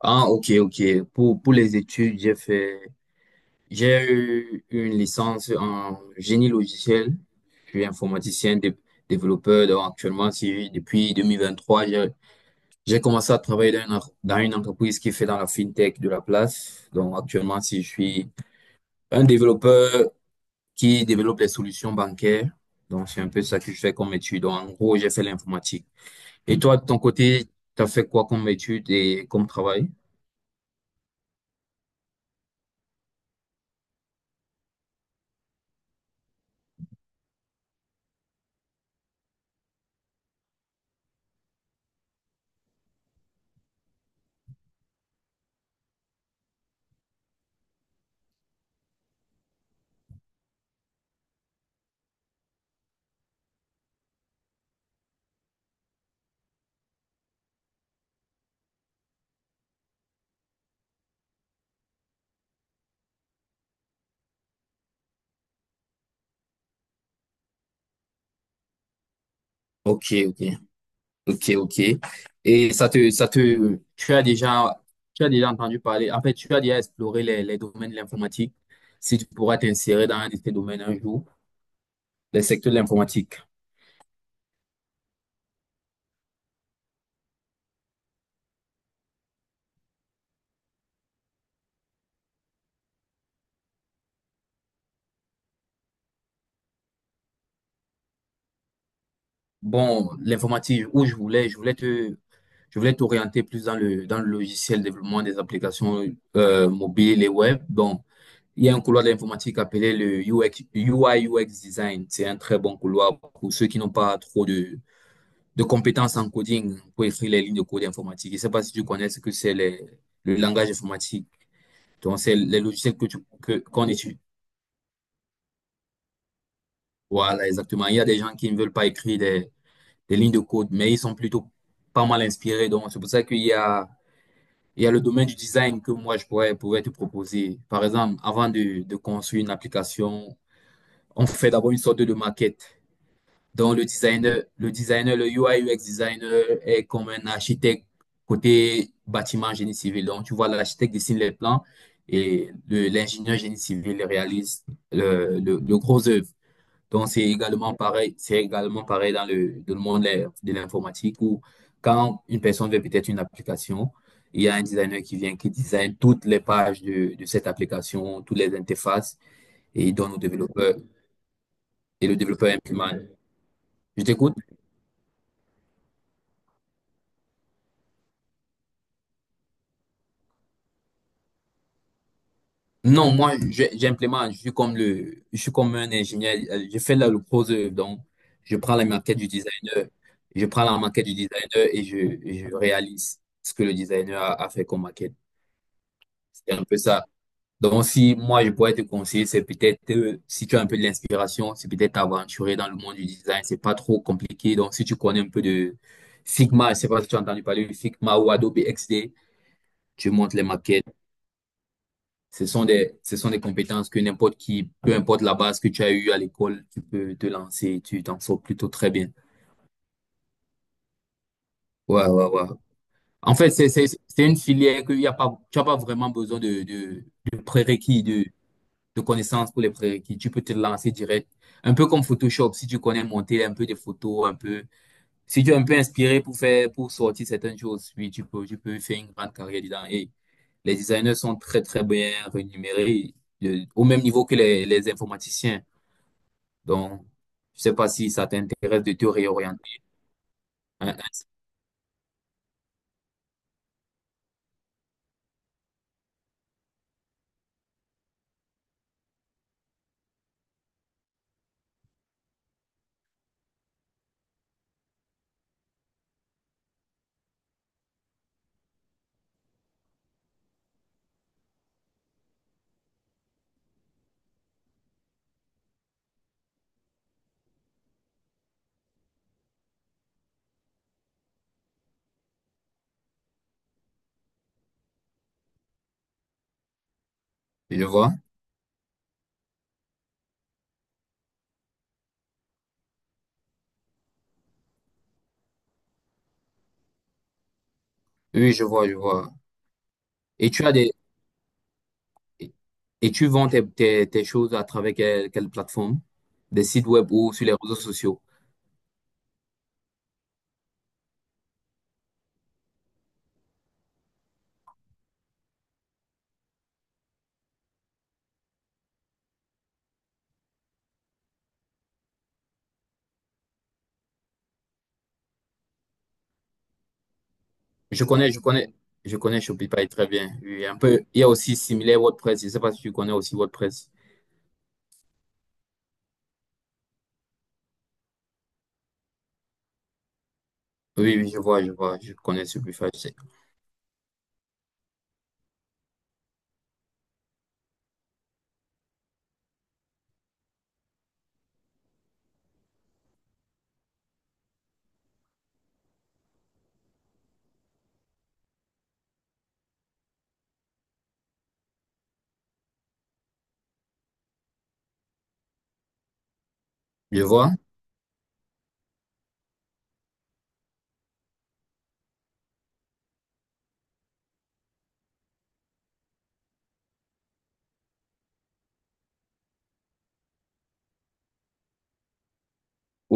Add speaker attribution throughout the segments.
Speaker 1: Ah, ok, ok. Pour les études, j'ai eu une licence en génie logiciel. Je suis informaticien, développeur. Donc, actuellement, depuis 2023 j'ai commencé à travailler dans dans une entreprise qui fait dans la fintech de la place. Donc, actuellement, si je suis un développeur qui développe les solutions bancaires. Donc, c'est un peu ça que je fais comme étude. Donc, en gros, j'ai fait l'informatique. Et toi, de ton côté, tu as fait quoi comme étude et comme travail? Ok, ok. Ok, ok. Et tu as déjà entendu parler, en fait, tu as déjà exploré les domaines de l'informatique, si tu pourras t'insérer dans un de ces domaines un jour, les secteurs de l'informatique. Bon, l'informatique, je voulais t'orienter plus dans dans le logiciel développement des applications mobiles et web. Donc, il y a un couloir de l'informatique appelé le UX, UI UX Design. C'est un très bon couloir pour ceux qui n'ont pas trop de compétences en coding pour écrire les lignes de code informatique. Je ne sais pas si tu connais ce que c'est le langage informatique. Donc, c'est les logiciels que qu'on étudie. Voilà, exactement. Il y a des gens qui ne veulent pas écrire des lignes de code, mais ils sont plutôt pas mal inspirés. Donc, c'est pour ça qu'il y a le domaine du design que moi, pourrais te proposer. Par exemple, avant de construire une application, on fait d'abord une sorte de maquette. Donc, le UI UX designer est comme un architecte côté bâtiment génie civil. Donc, tu vois, l'architecte dessine les plans et l'ingénieur génie civil réalise le gros œuvre. Donc, c'est également pareil dans dans le monde de de l'informatique où quand une personne veut peut-être une application, il y a un designer qui vient, qui design toutes les pages de cette application, toutes les interfaces, et il donne au développeur, et le développeur implémente. Je t'écoute? Non, moi, j'implémente, je suis comme je suis comme un ingénieur, je fais la le proseur, donc je prends la maquette du designer, je prends la maquette du designer et et je réalise ce que le designer a fait comme maquette. C'est un peu ça. Donc, si moi, je pourrais te conseiller, c'est peut-être, si tu as un peu de l'inspiration, c'est peut-être t'aventurer dans le monde du design, c'est pas trop compliqué. Donc, si tu connais un peu de Figma, je sais pas si tu as entendu parler de Figma ou Adobe XD, tu montes les maquettes. Ce sont des compétences que n'importe qui, peu importe la base que tu as eue à l'école, tu peux te lancer, tu t'en sors plutôt très bien. Ouais, ouais, ouais. En fait, c'est une filière que y a pas, tu n'as pas vraiment besoin de prérequis, de, de connaissances pour les prérequis. Tu peux te lancer direct. Un peu comme Photoshop, si tu connais monter un peu des photos, un peu, si tu es un peu inspiré pour faire, pour sortir certaines choses, oui, tu peux faire une grande carrière dedans. Et les designers sont très, très bien rémunérés, au même niveau que les informaticiens. Donc, je sais pas si ça t'intéresse de te réorienter. Hein, hein, je vois. Oui, je vois, je vois. Et et tu vends tes choses à travers quelle plateforme? Des sites web ou sur les réseaux sociaux? Je connais, je connais, je connais Shopify très bien. Oui, un peu. Il y a aussi similaire WordPress. Je sais pas si tu connais aussi WordPress. Oui, oui, je vois, je connais Shopify. Je sais. Je vois.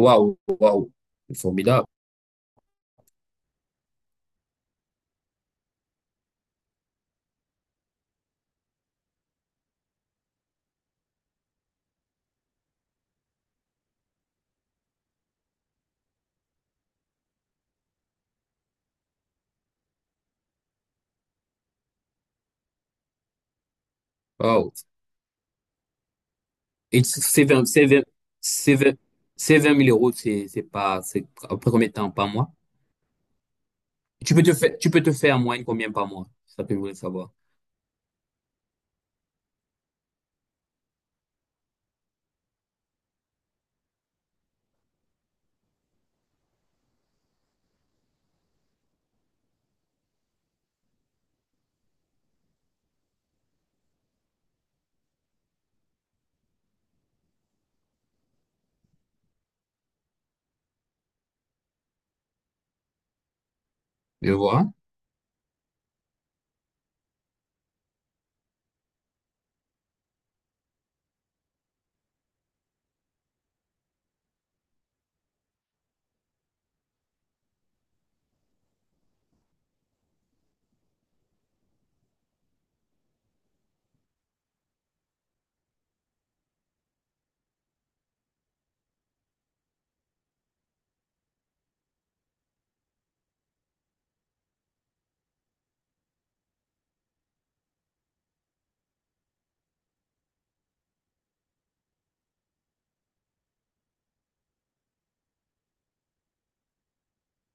Speaker 1: Waouh, waouh, formidable. Waouh. Et c'est 20 c'est 20 000 euros, c'est pas, c'est après combien de temps par mois? Tu peux te faire en moyenne combien par mois? Ça peut vous savoir. Je vois.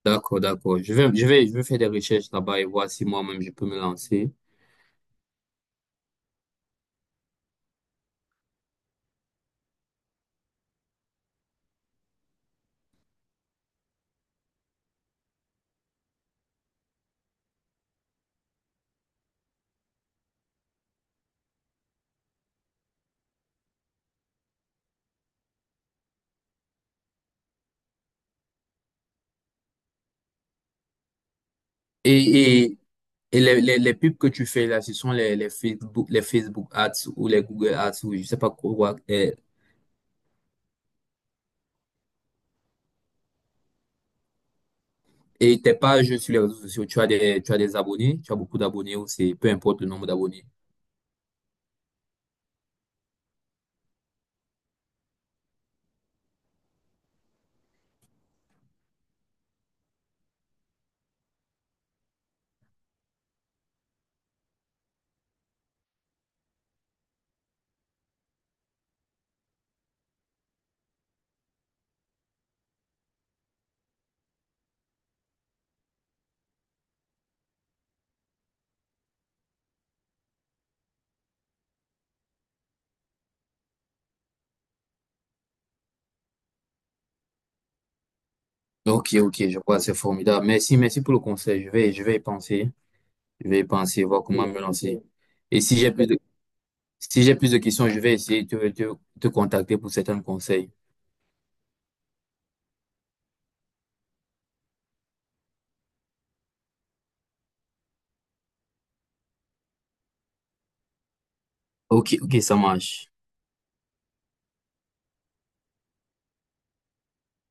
Speaker 1: D'accord, d'accord. Je vais faire des recherches là-bas et voir si moi-même je peux me lancer. Et, et, et les pubs que tu fais là, ce sont les Facebook Ads ou les Google Ads ou je sais pas quoi. Et tes pages sur les réseaux sociaux, tu as des abonnés, tu as beaucoup d'abonnés ou c'est peu importe le nombre d'abonnés. Ok, ok, je vois, c'est formidable. Merci, merci pour le conseil. Je vais y penser. Je vais y penser, voir comment me lancer. Et si j'ai plus de, si j'ai plus de questions, je vais essayer de te contacter pour certains conseils. Ok, ok, ça marche.